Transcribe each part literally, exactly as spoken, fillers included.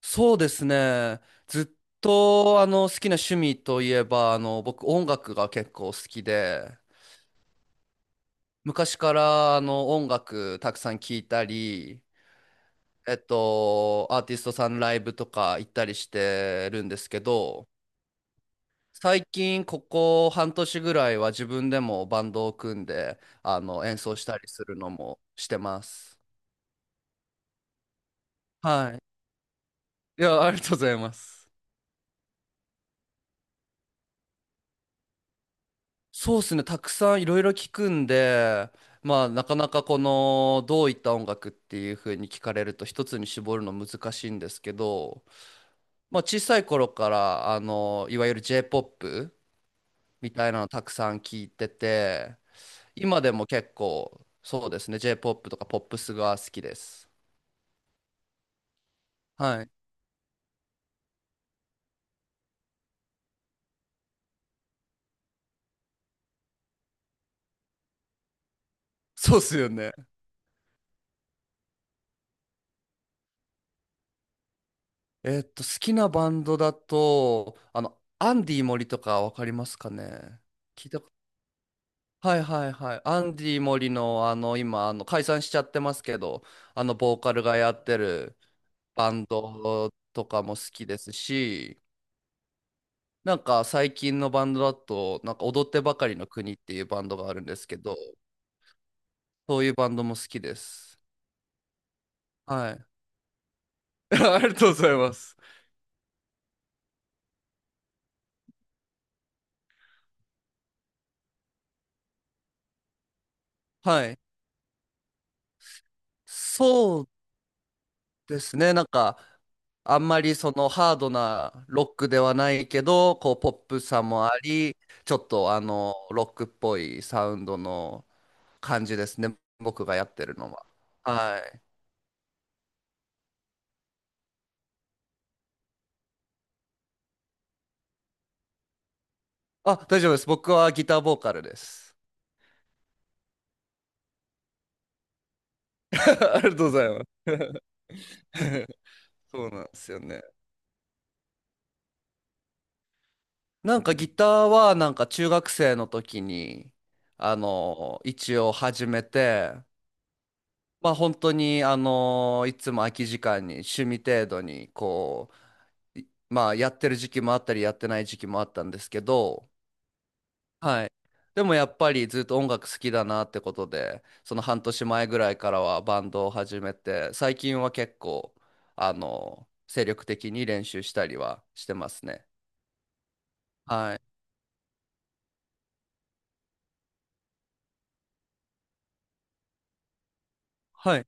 そうですね。ずっとあの好きな趣味といえばあの僕音楽が結構好きで、昔からあの音楽たくさん聴いたり、えっとアーティストさんライブとか行ったりしてるんですけど、最近ここ半年ぐらいは自分でもバンドを組んであの演奏したりするのもしてます。はい。いや、ありがとうございます。そうですね、たくさんいろいろ聞くんで、まあ、なかなかこのどういった音楽っていう風に聞かれると一つに絞るの難しいんですけど、まあ、小さい頃からあのいわゆる J-ポップ みたいなのたくさん聞いてて、今でも結構そうですね、J-ポップ とかポップスが好きです。はい。そうっすよね。えーっと、好きなバンドだと、あの、アンディ森とかわかりますかね？聞いた、はいはいはい。アンディ森のあの今あの解散しちゃってますけど、あのボーカルがやってるバンドとかも好きですし、なんか最近のバンドだと、なんか踊ってばかりの国っていうバンドがあるんですけど、そういうバンドも好きです。はい。ありがとうございます。はい。そうですね。なんか、あんまりそのハードなロックではないけど、こうポップさもあり、ちょっとあの、ロックっぽいサウンドの感じですね。僕がやってるのは。はい。あ、大丈夫です。僕はギターボーカルです。ありがとうございます。そうなんですよね。なんかギターはなんか中学生の時に、あの、一応始めて、まあ本当にあのいつも空き時間に趣味程度にこういまあやってる時期もあったりやってない時期もあったんですけど、はい。でもやっぱりずっと音楽好きだなってことで、その半年前ぐらいからはバンドを始めて、最近は結構あの精力的に練習したりはしてますね。はい、はい。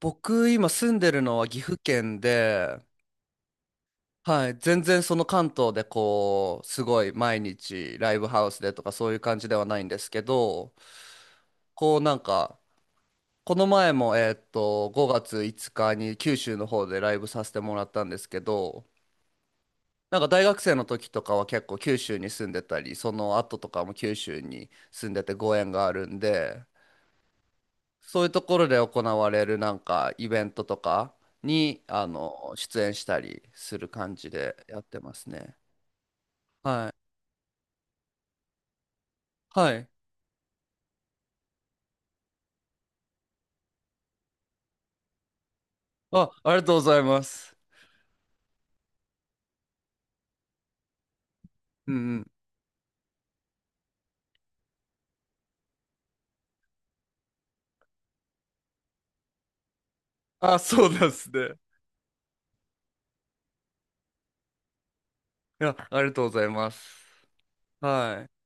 僕今住んでるのは岐阜県で、はい、全然その関東でこうすごい毎日ライブハウスでとかそういう感じではないんですけど、こうなんかこの前もえーっとごがついつかに九州の方でライブさせてもらったんですけど、なんか大学生の時とかは結構九州に住んでたり、その後とかも九州に住んでてご縁があるんで、そういうところで行われるなんかイベントとかにあの出演したりする感じでやってますね。はい、はい。あ、ありがとうございます。うんうん。あ、そうなんですね。いや、ありがとうございます。はい。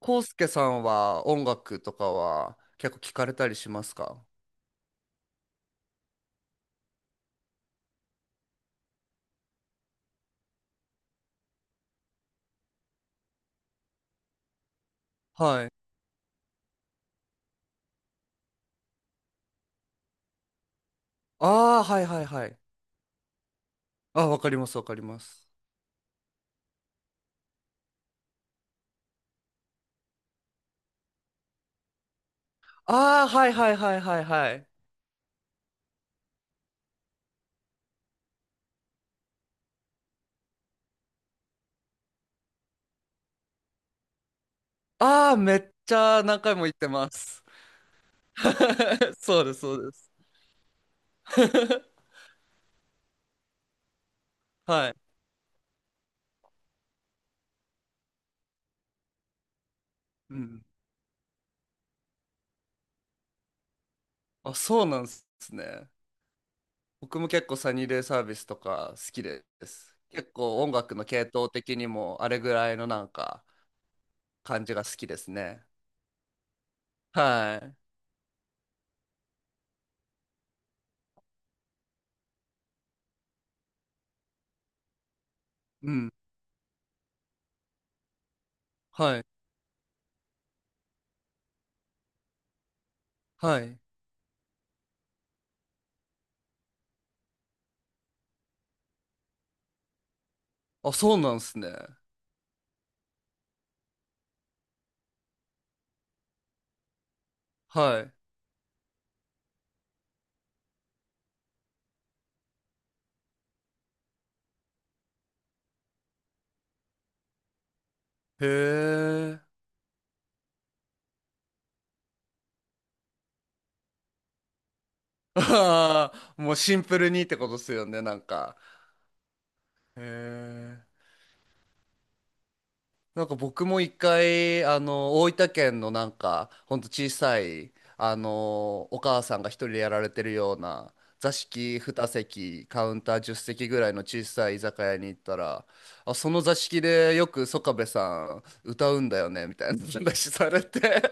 コウスケさんは音楽とかは結構聞かれたりしますか？はい。ああ、はいはいはい。あ、わかります、わかります。ああ、はいはいはいはいはい。ああ、めっちゃ何回も言ってます。そうです、そうです。はい。うん。あ、そうなんですね。僕も結構サニーデイサービスとか好きです。結構音楽の系統的にもあれぐらいのなんか感じが好きですね。はい。うん。はい。はい。あ、そうなんすね。はい。へえ。ああ、もうシンプルにってことですよね、なんか。へえ。なんか僕も一回、あの、大分県のなんか、ほんと小さい、あの、お母さんが一人でやられてるような、座敷に席、カウンターじゅっ席ぐらいの小さい居酒屋に行ったら、あ、その座敷でよく曽我部さん歌うんだよね、みたいな話されて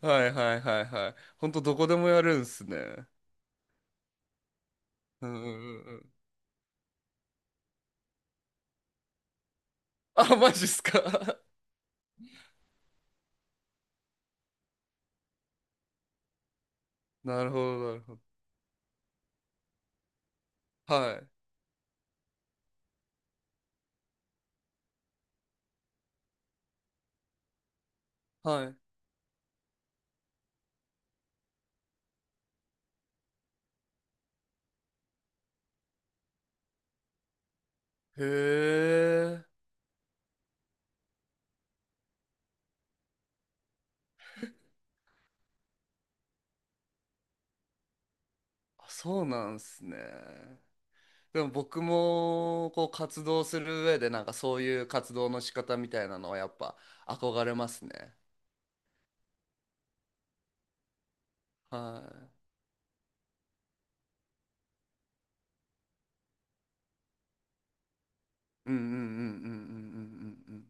はいはいはいはい。ほんとどこでもやるんすね。うんうんうんうん。あ、マジっすか？ なるほどなるほど。はい。はい。へえ。あ、そうなんすね。でも僕もこう活動する上でなんかそういう活動の仕方みたいなのはやっぱ憧れますね。はい。うんうんうんうんうんうんうんうんうん。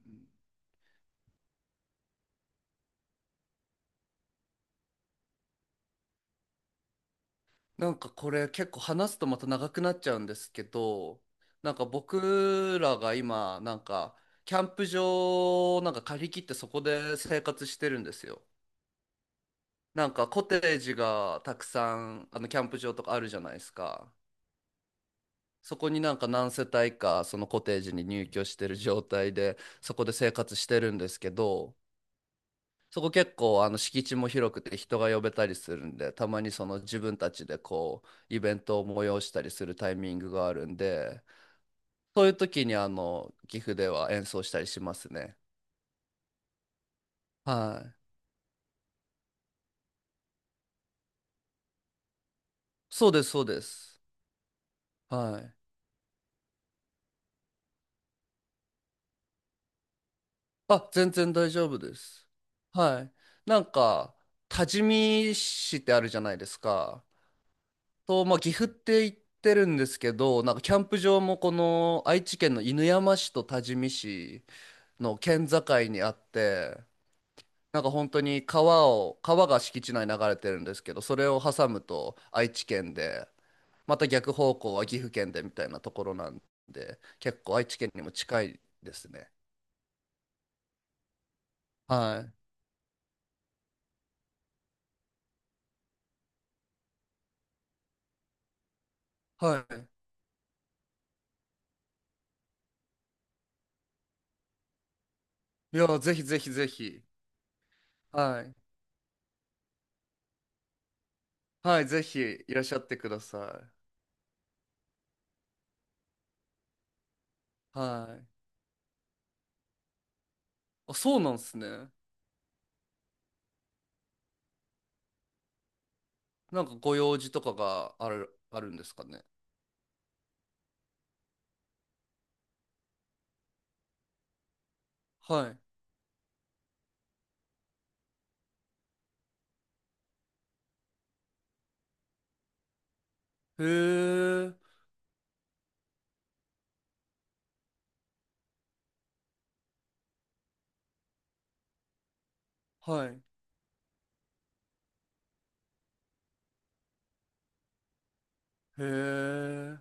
なんかこれ結構話すとまた長くなっちゃうんですけど、なんか僕らが今なんかキャンプ場をなんか借り切ってそこで生活してるんですよ。なんかコテージがたくさんあのキャンプ場とかあるじゃないですか。そこになんか何世帯かそのコテージに入居してる状態でそこで生活してるんですけど、そこ結構あの敷地も広くて人が呼べたりするんで、たまにその自分たちでこうイベントを催したりするタイミングがあるんで、そういう時にあの岐阜では演奏したりしますね。はい、そうですそうです。はい。あ、全然大丈夫です。はい。なんか多治見市ってあるじゃないですか？と、まあ、岐阜って行ってるんですけど、なんかキャンプ場もこの愛知県の犬山市と多治見市の県境にあって、なんか本当に川を、川が敷地内に流れてるんですけど、それを挟むと愛知県で、また逆方向は岐阜県でみたいなところなんで、結構愛知県にも近いですね。はい。はい。いや、ぜひぜひぜひ。はい。はい、ぜひいらっしゃってください。はい。あ、そうなんですね。なんかご用事とかがある、あるんですかね？はい。へえ。はい。へえ。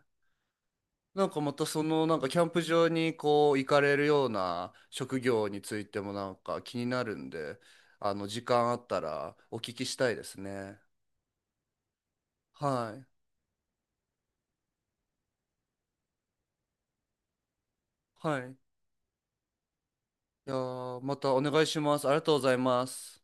なんかまたそのなんかキャンプ場にこう行かれるような職業についてもなんか気になるんで、あの時間あったらお聞きしたいですね。はい。はい。いやーまたお願いします。ありがとうございます。